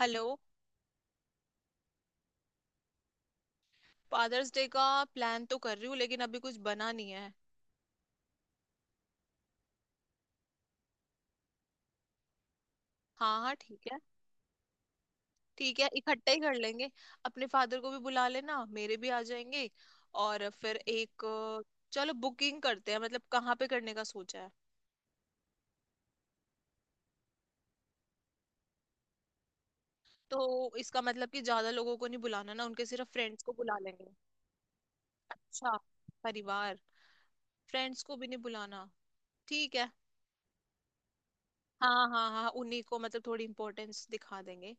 Hello. Father's Day का plan तो कर रही हूँ, लेकिन अभी कुछ बना नहीं है। हाँ हाँ, ठीक है। ठीक है, इकट्ठा ही कर लेंगे। अपने फादर को भी बुला लेना, मेरे भी आ जाएंगे। और फिर एक। चलो, बुकिंग करते हैं। मतलब कहाँ पे करने का सोचा है? तो इसका मतलब कि ज्यादा लोगों को नहीं बुलाना ना, उनके सिर्फ फ्रेंड्स को बुला लेंगे। अच्छा। परिवार। फ्रेंड्स को भी नहीं बुलाना। ठीक है। हाँ हाँ हाँ, उन्हीं को मतलब थोड़ी इम्पोर्टेंस दिखा देंगे।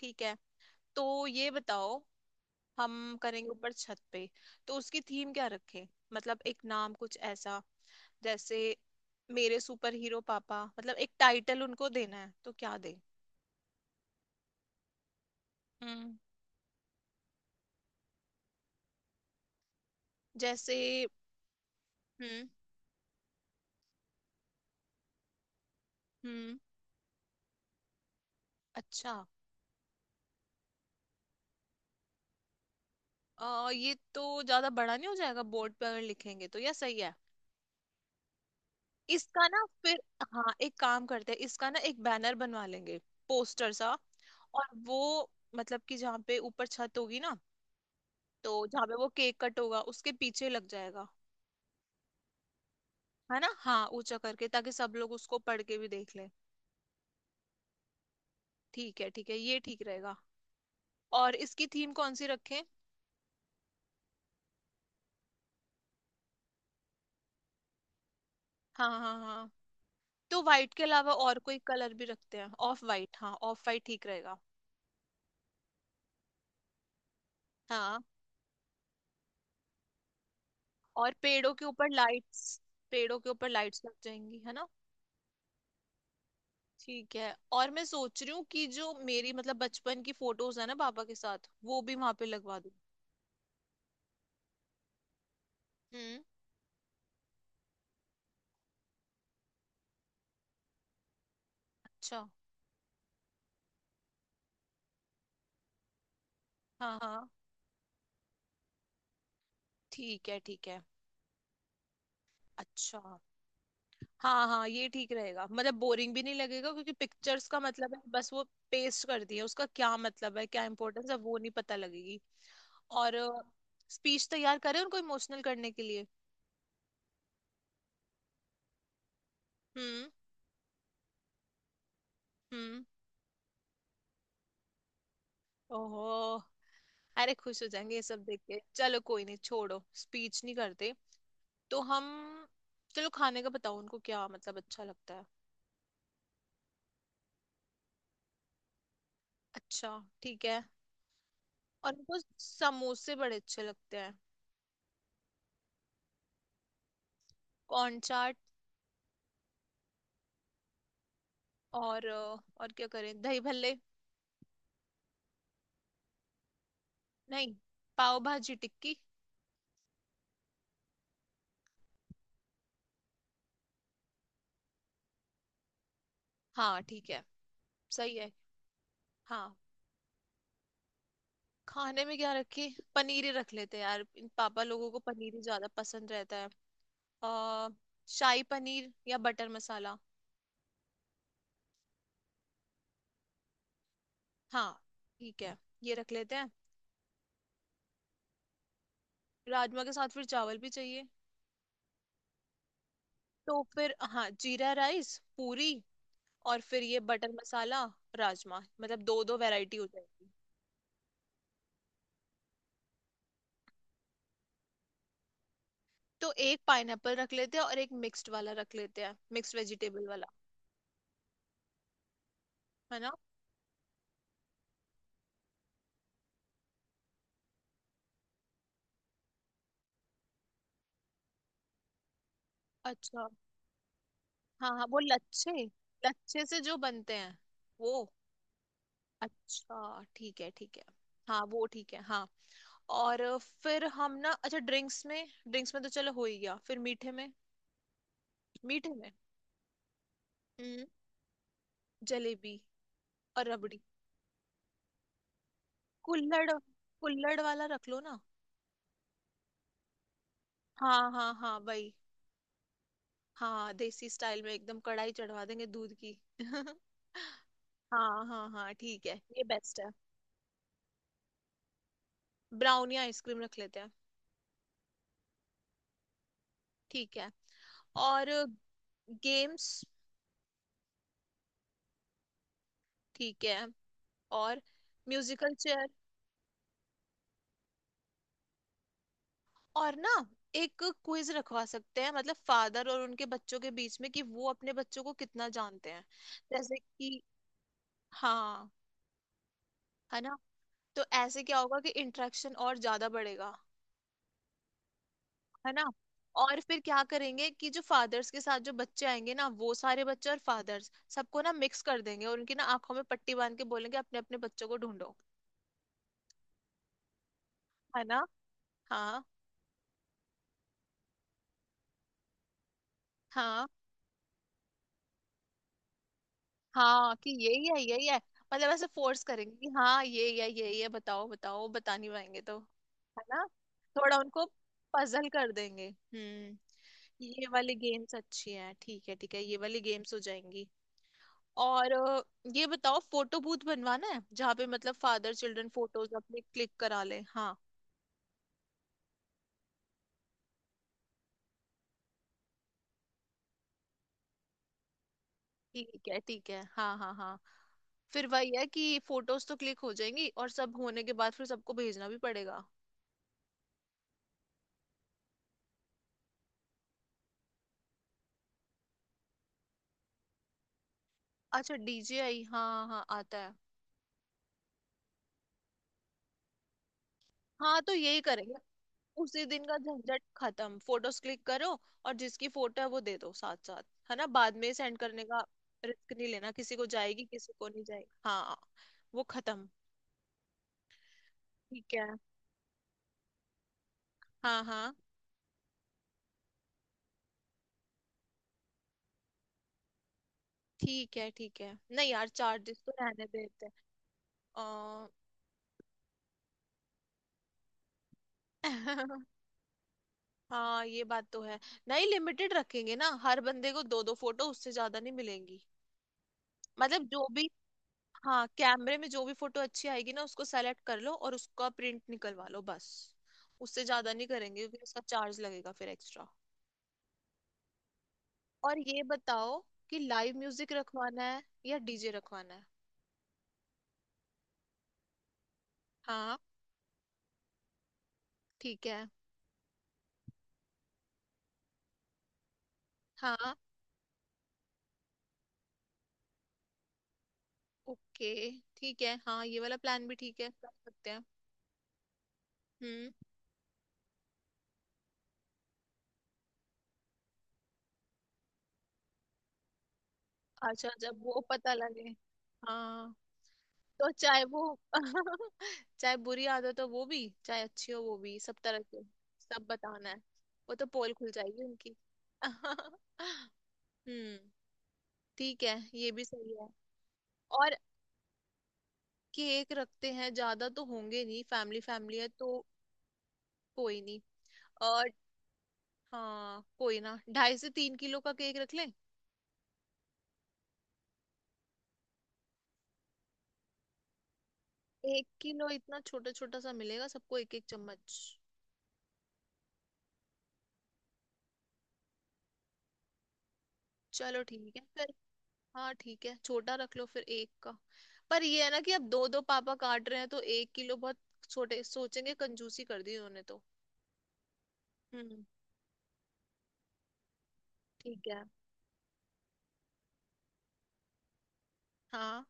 ठीक है। तो ये बताओ, हम करेंगे ऊपर छत पे। तो उसकी थीम क्या रखें? मतलब एक नाम कुछ ऐसा, जैसे मेरे सुपर हीरो पापा। मतलब एक टाइटल उनको देना है, तो क्या दें? हम्म। जैसे। हम्म। हम्म। अच्छा। ये तो ज्यादा बड़ा नहीं हो जाएगा बोर्ड पे? अगर लिखेंगे तो यह सही है। इसका ना फिर, हाँ एक काम करते हैं, इसका ना एक बैनर बनवा लेंगे, पोस्टर सा। और वो मतलब कि जहाँ पे ऊपर छत होगी ना, तो जहाँ पे वो केक कट होगा उसके पीछे लग जाएगा, है ना। हाँ, ऊंचा करके, ताकि सब लोग उसको पढ़ के भी देख लें। ठीक है ठीक है, ये ठीक रहेगा। और इसकी थीम कौन सी रखें? हाँ हाँ हाँ। तो वाइट के अलावा और कोई कलर भी रखते हैं? ऑफ वाइट, हाँ ऑफ वाइट ठीक रहेगा। हाँ। और पेड़ों के ऊपर लाइट्स। पेड़ों के ऊपर लाइट्स लग जाएंगी, है ना। ठीक है। और मैं सोच रही हूँ कि जो मेरी मतलब बचपन की फोटोज है ना पापा के साथ, वो भी वहां पे लगवा दूँ। हम्म। अच्छा। हाँ हाँ। ठीक है ठीक है। अच्छा। हाँ हाँ, ये ठीक रहेगा। मतलब बोरिंग भी नहीं लगेगा, क्योंकि पिक्चर्स का मतलब है बस वो पेस्ट कर दिया, उसका क्या मतलब है, क्या इंपॉर्टेंस है वो नहीं पता लगेगी। और स्पीच तैयार करें उनको इमोशनल करने के लिए? हम्म। हम्म। ओहो। अरे खुश हो जाएंगे ये सब देख के, चलो कोई नहीं, छोड़ो स्पीच नहीं करते। तो हम, चलो खाने का बताओ, उनको क्या मतलब अच्छा लगता है? अच्छा ठीक है। और उनको समोसे बड़े अच्छे लगते हैं। कॉर्न चाट। और क्या करें, दही भल्ले? नहीं, पाव भाजी टिक्की। हाँ ठीक है, सही है, हाँ। खाने में क्या रखे? पनीर ही रख लेते हैं यार, इन पापा लोगों को पनीर ही ज्यादा पसंद रहता है। आ, शाही पनीर या बटर मसाला? हाँ ठीक है, ये रख लेते हैं। राजमा के साथ फिर चावल भी चाहिए। तो फिर हाँ, जीरा राइस, पूरी, और फिर ये बटर मसाला, राजमा, मतलब दो दो वैरायटी हो जाएगी। तो एक पाइनएप्पल रख लेते हैं और एक मिक्स्ड वाला रख लेते हैं, मिक्स्ड वेजिटेबल वाला, है ना। अच्छा हाँ हाँ, वो लच्छे, लच्छे से जो बनते हैं, वो। अच्छा ठीक है ठीक है। हाँ वो ठीक है, हाँ। और फिर हम ना, अच्छा ड्रिंक्स में, ड्रिंक्स में तो चलो हो ही गया, फिर मीठे में। मीठे में। हम्म। जलेबी। और रबड़ी। कुल्हड़। कुल्हड़ वाला रख लो ना। हाँ हाँ हाँ, वही। हाँ, देसी स्टाइल में एकदम, कढ़ाई चढ़वा देंगे दूध की। हाँ हाँ हाँ, ठीक है, ये बेस्ट है। ब्राउनी आइसक्रीम रख लेते हैं। ठीक है। और? गेम्स। ठीक है। और म्यूजिकल चेयर। और ना एक क्विज रखवा सकते हैं, मतलब फादर और उनके बच्चों के बीच में, कि वो अपने बच्चों को कितना जानते हैं। जैसे कि, हाँ, है ना। तो ऐसे क्या होगा कि इंटरेक्शन और ज्यादा बढ़ेगा, है ना। और फिर क्या करेंगे, कि जो फादर्स के साथ जो बच्चे आएंगे ना, वो सारे बच्चे और फादर्स सबको ना मिक्स कर देंगे, और उनकी ना आंखों में पट्टी बांध के बोलेंगे, अपने अपने बच्चों को ढूंढो। है ना। हाँ हाँ हाँ, कि यही है यही है। मतलब ऐसे फोर्स करेंगे कि हाँ यही है यही है, बताओ बताओ, बता नहीं पाएंगे तो? है ना, थोड़ा उनको पजल कर देंगे। हम्म। ये वाली गेम्स अच्छी है, ठीक है ठीक है, ये वाली गेम्स हो जाएंगी। और ये बताओ, फोटो बूथ बनवाना है, जहाँ पे मतलब फादर चिल्ड्रन फोटोज अपने क्लिक करा ले हाँ ठीक है ठीक है, हाँ हाँ हाँ। फिर वही है कि फोटोज तो क्लिक हो जाएंगी और सब होने के बाद फिर सबको भेजना भी पड़ेगा। अच्छा, डीजे आई, हाँ हाँ आता है। हाँ, तो यही करेंगे। उसी दिन का झंझट खत्म, फोटोज क्लिक करो, और जिसकी फोटो है वो दे दो साथ साथ, है ना, बाद में सेंड करने का रिस्क नहीं लेना, किसी को जाएगी किसी को नहीं जाएगी, हाँ, वो खत्म। ठीक है। हाँ हाँ, ठीक है ठीक है, नहीं यार, चार्जेस तो रहने देते हैं। अ, हाँ, ये बात तो है। नहीं, लिमिटेड रखेंगे ना, हर बंदे को दो दो फोटो, उससे ज्यादा नहीं मिलेंगी। मतलब जो भी, हाँ, कैमरे में जो भी फोटो अच्छी आएगी ना, उसको सेलेक्ट कर लो और उसका प्रिंट निकलवा लो, बस। उससे ज्यादा नहीं करेंगे, क्योंकि उसका चार्ज लगेगा फिर एक्स्ट्रा। और ये बताओ, कि लाइव म्यूजिक रखवाना है या डीजे रखवाना है? हाँ ठीक है हाँ। ओके, ठीक है हाँ, ये वाला प्लान भी ठीक है, कर सकते हैं। हम्म। अच्छा, जब वो पता लगे, हाँ। तो चाहे वो चाहे बुरी आदत हो वो भी, चाहे अच्छी हो वो भी, सब तरह के, सब बताना है। वो तो पोल खुल जाएगी उनकी। हम्म। ठीक है, ये भी सही है। और केक रखते हैं, ज्यादा तो होंगे नहीं, फैमिली फैमिली है तो। कोई नहीं। और हाँ कोई ना, 2.5 से 3 किलो का केक रख लें। एक किलो? इतना छोटा छोटा सा मिलेगा, सबको एक एक चम्मच। चलो ठीक है फिर। हाँ ठीक है, छोटा रख लो फिर, एक का। पर ये है ना, कि अब दो दो पापा काट रहे हैं, तो 1 किलो बहुत छोटे, सोचेंगे कंजूसी कर दी उन्होंने तो। हम्म। ठीक है। हाँ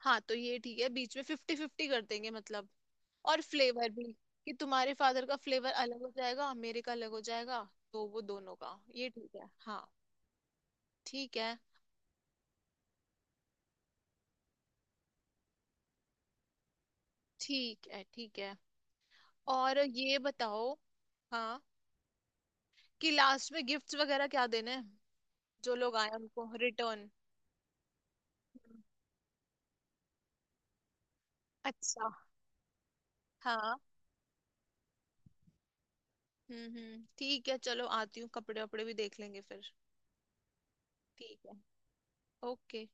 हाँ, तो ये ठीक है, बीच में 50-50 कर देंगे मतलब। और फ्लेवर भी, कि तुम्हारे फादर का फ्लेवर अलग हो जाएगा, मेरे का अलग हो जाएगा। तो वो दोनों का, ये ठीक है, हाँ। ठीक है। ठीक है ठीक है। और ये बताओ, हाँ, कि लास्ट में गिफ्ट्स वगैरह क्या देने हैं, जो लोग आए उनको रिटर्न। हम्म। अच्छा। हाँ हम्म, ठीक है, चलो आती हूँ, कपड़े वपड़े भी देख लेंगे फिर। ठीक है। ओके।